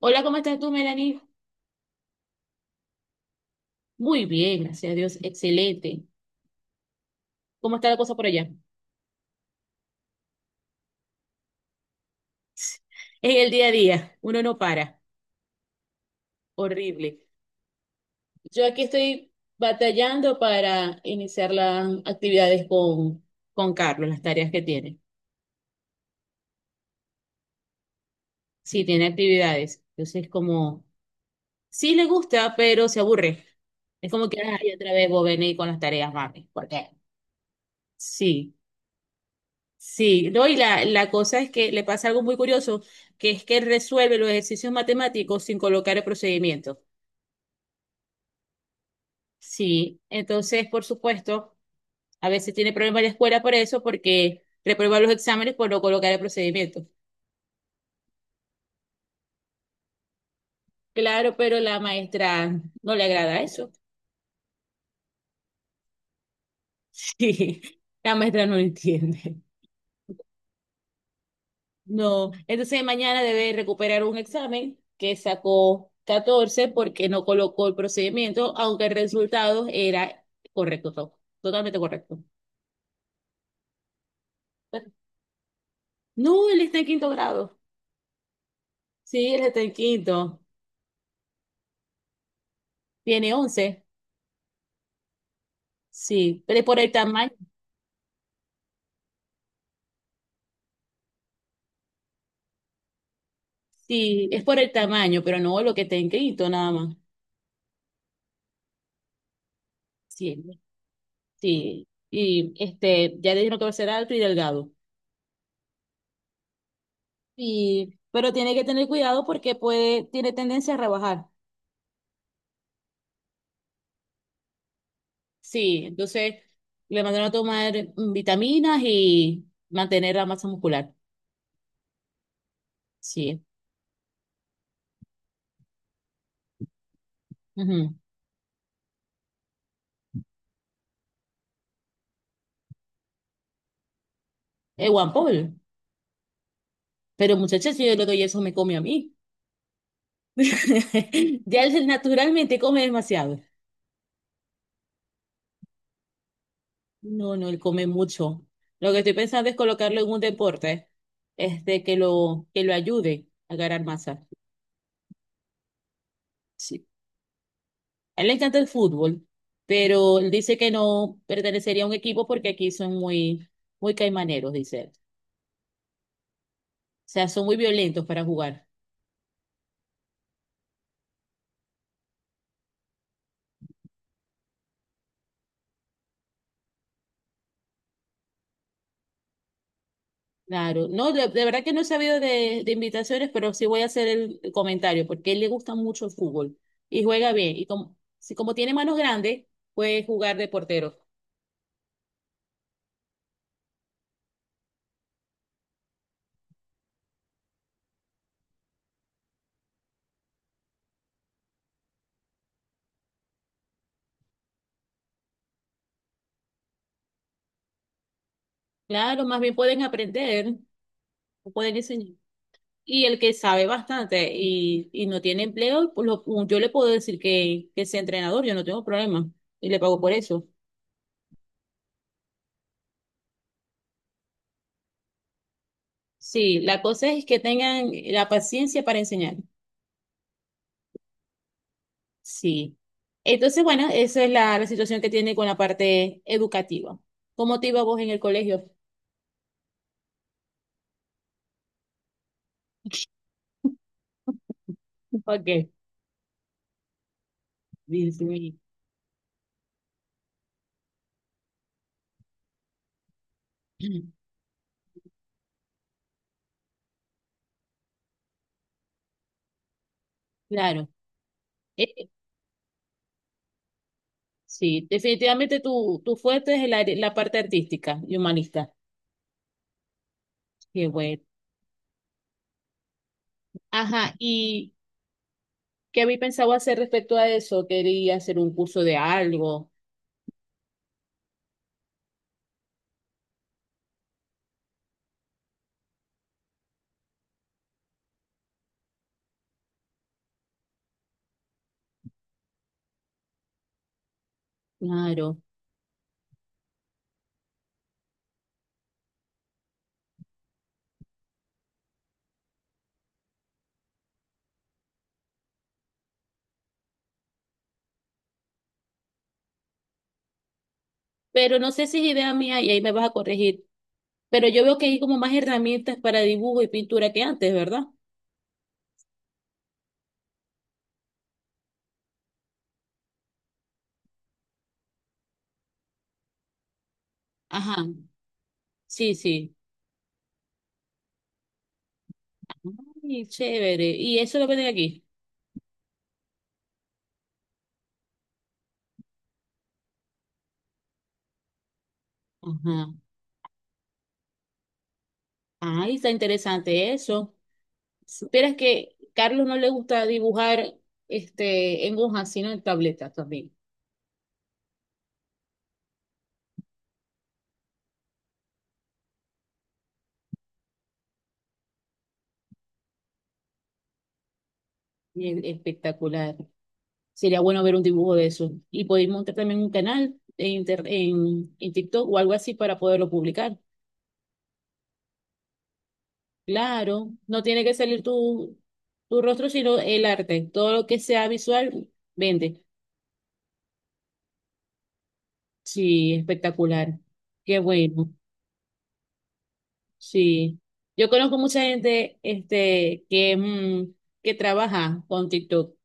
Hola, ¿cómo estás tú, Melanie? Muy bien, gracias a Dios, excelente. ¿Cómo está la cosa por allá? En el día a día, uno no para, horrible. Yo aquí estoy batallando para iniciar las actividades con Carlos, las tareas que tiene. Sí, tiene actividades. Entonces, como, sí le gusta, pero se aburre. Es como que, ay, otra vez vos venís con las tareas, mami. ¿Por qué? Sí. Sí, no, y la cosa es que le pasa algo muy curioso, que es que él resuelve los ejercicios matemáticos sin colocar el procedimiento. Sí, entonces, por supuesto, a veces tiene problemas la escuela por eso, porque reprueba los exámenes por no colocar el procedimiento. Claro, pero la maestra no le agrada eso. Sí, la maestra no lo entiende. No, entonces mañana debe recuperar un examen que sacó 14 porque no colocó el procedimiento, aunque el resultado era correcto, totalmente correcto. Pero- no, él está en quinto grado. Sí, él está en quinto. Tiene once. Sí, pero es por el tamaño. Sí, es por el tamaño, pero no lo que está en quinto nada más. Sí, sí. Y este, ya le dijeron que va a ser alto y delgado. Y, pero tiene que tener cuidado porque puede, tiene tendencia a rebajar. Sí, entonces le mandaron a tomar vitaminas y mantener la masa muscular. Sí. Ujú. Es Juan Paul. Pero muchacha, si yo le doy eso, me come a mí. Ya él naturalmente come demasiado. No, no, él come mucho. Lo que estoy pensando es colocarlo en un deporte, este, que que lo ayude a ganar masa. Sí. A él le encanta el fútbol, pero él dice que no pertenecería a un equipo porque aquí son muy caimaneros, dice él. Sea, son muy violentos para jugar. Claro, no, de verdad que no he sabido de invitaciones, pero sí voy a hacer el comentario, porque a él le gusta mucho el fútbol y juega bien. Y como, si como tiene manos grandes, puede jugar de portero. Claro, más bien pueden aprender, o pueden enseñar. Y el que sabe bastante y no tiene empleo, pues yo le puedo decir que sea entrenador, yo no tengo problema y le pago por eso. Sí, la cosa es que tengan la paciencia para enseñar. Sí. Entonces, bueno, esa es la situación que tiene con la parte educativa. ¿Cómo te iba vos en el colegio? ¿Para qué? Dios mío. Claro. Eh, sí, definitivamente tu fuerte es la parte artística y humanista. Qué bueno. Ajá, ¿y qué habéis pensado hacer respecto a eso? Quería hacer un curso de algo, claro. Pero no sé si es idea mía y ahí me vas a corregir. Pero yo veo que hay como más herramientas para dibujo y pintura que antes, ¿verdad? Ajá, sí, sí. Ay, chévere. Y eso lo venden aquí. Ajá. Ay, está interesante eso. Supieras que Carlos no le gusta dibujar este en hojas, sino en tabletas también. Bien, espectacular. Sería bueno ver un dibujo de eso. Y poder montar también un canal en TikTok o algo así para poderlo publicar. Claro, no tiene que salir tu rostro, sino el arte. Todo lo que sea visual, vende. Sí, espectacular. Qué bueno. Sí, yo conozco mucha gente este, que trabaja con TikTok,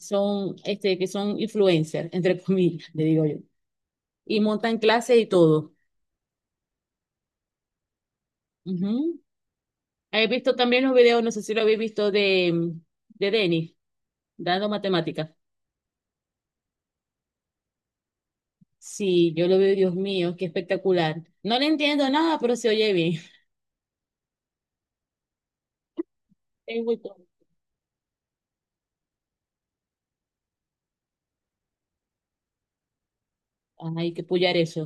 son, este, que son influencers, entre comillas, le digo yo, y montan clases y todo. Ujú. He visto también los videos, no sé si lo habéis visto, de Denis, dando matemáticas. Sí, yo lo veo, Dios mío, qué espectacular. No le entiendo nada, pero se oye bien. Es muy cómico. Ay, que puyar eso.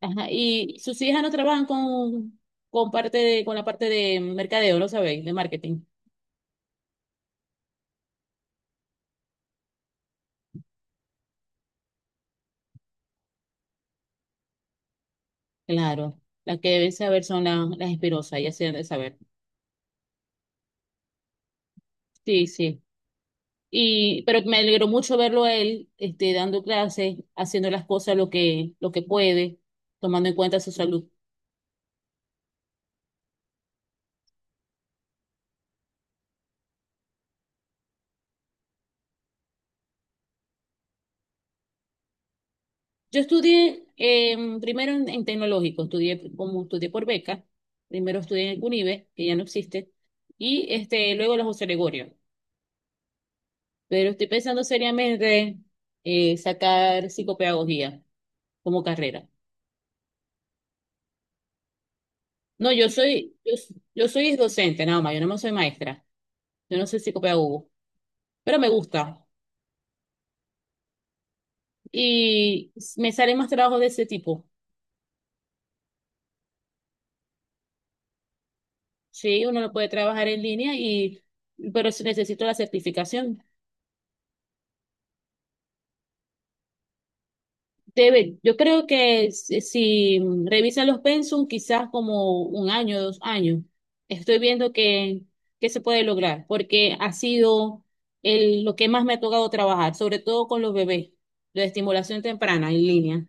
Ajá, y sus hijas no trabajan con parte de, con la parte de mercadeo, ¿lo sabéis? De marketing. Claro. Las que deben saber son las espirosas, ya se deben saber. Sí, sí. Y, pero me alegró mucho verlo a él, este, dando clases, haciendo las cosas lo que puede, tomando en cuenta su salud. Yo estudié primero en tecnológico, estudié como estudié por beca, primero estudié en el CUNIVE, que ya no existe, y este, luego en la José Gregorio. Pero estoy pensando seriamente sacar psicopedagogía como carrera. No, yo soy, yo soy docente nada más, yo no me soy maestra, yo no soy psicopedagogo, pero me gusta y me salen más trabajos de ese tipo. Sí, uno lo puede trabajar en línea y, pero si necesito la certificación. Debe, yo creo que si mm, revisa los pensum, quizás como un año, dos años, estoy viendo que se puede lograr, porque ha sido el, lo que más me ha tocado trabajar, sobre todo con los bebés, la estimulación temprana en línea.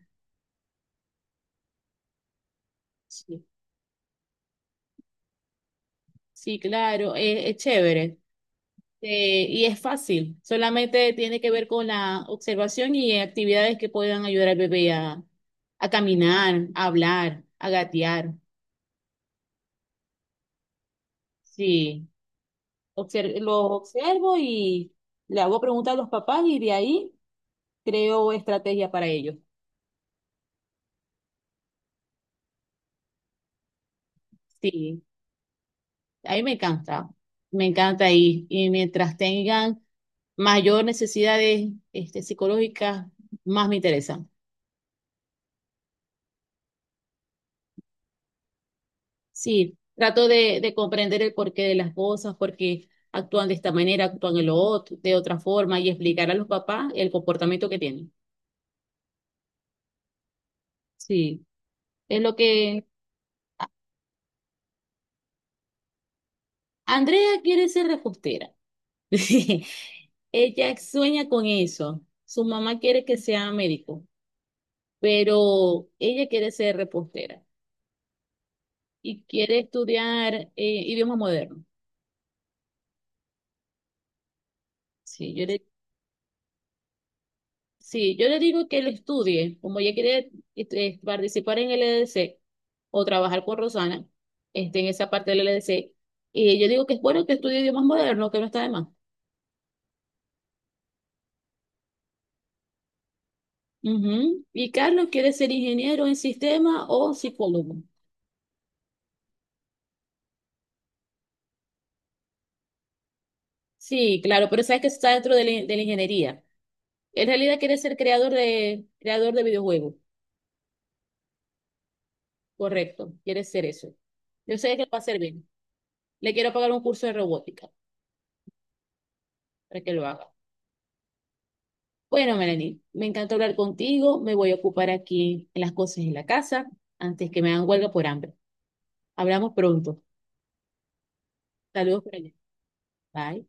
Sí, sí, claro, es chévere, y es fácil, solamente tiene que ver con la observación y actividades que puedan ayudar al bebé a caminar, a hablar, a gatear. Sí. obser- lo observo y le hago preguntas a los papás y de ahí creo estrategia para ellos. Sí, ahí me encanta ahí y mientras tengan mayor necesidades este, psicológicas, más me interesan. Sí, trato de comprender el porqué de las cosas, por qué actúan de esta manera, actúan de lo otro, de otra forma y explicar a los papás el comportamiento que tienen. Sí, es lo que Andrea quiere ser repostera. Ella sueña con eso. Su mamá quiere que sea médico, pero ella quiere ser repostera y quiere estudiar idioma moderno. Sí, yo le, sí, yo le digo que lo estudie, como ella quiere este, participar en el EDC o trabajar con Rosana, este, en esa parte del EDC. Y yo digo que es bueno que estudie idiomas modernos, que no está de más. Ujú. Y Carlos quiere ser ingeniero en sistema o psicólogo. Sí, claro, pero sabes que eso está dentro de de la ingeniería. En realidad quiere ser creador de videojuegos, correcto, quiere ser eso. Yo sé que lo va a hacer bien. Le quiero pagar un curso de robótica para que lo haga. Bueno, Melanie, me encantó hablar contigo. Me voy a ocupar aquí en las cosas en la casa antes que me hagan huelga por hambre. Hablamos pronto. Saludos por allá. Bye.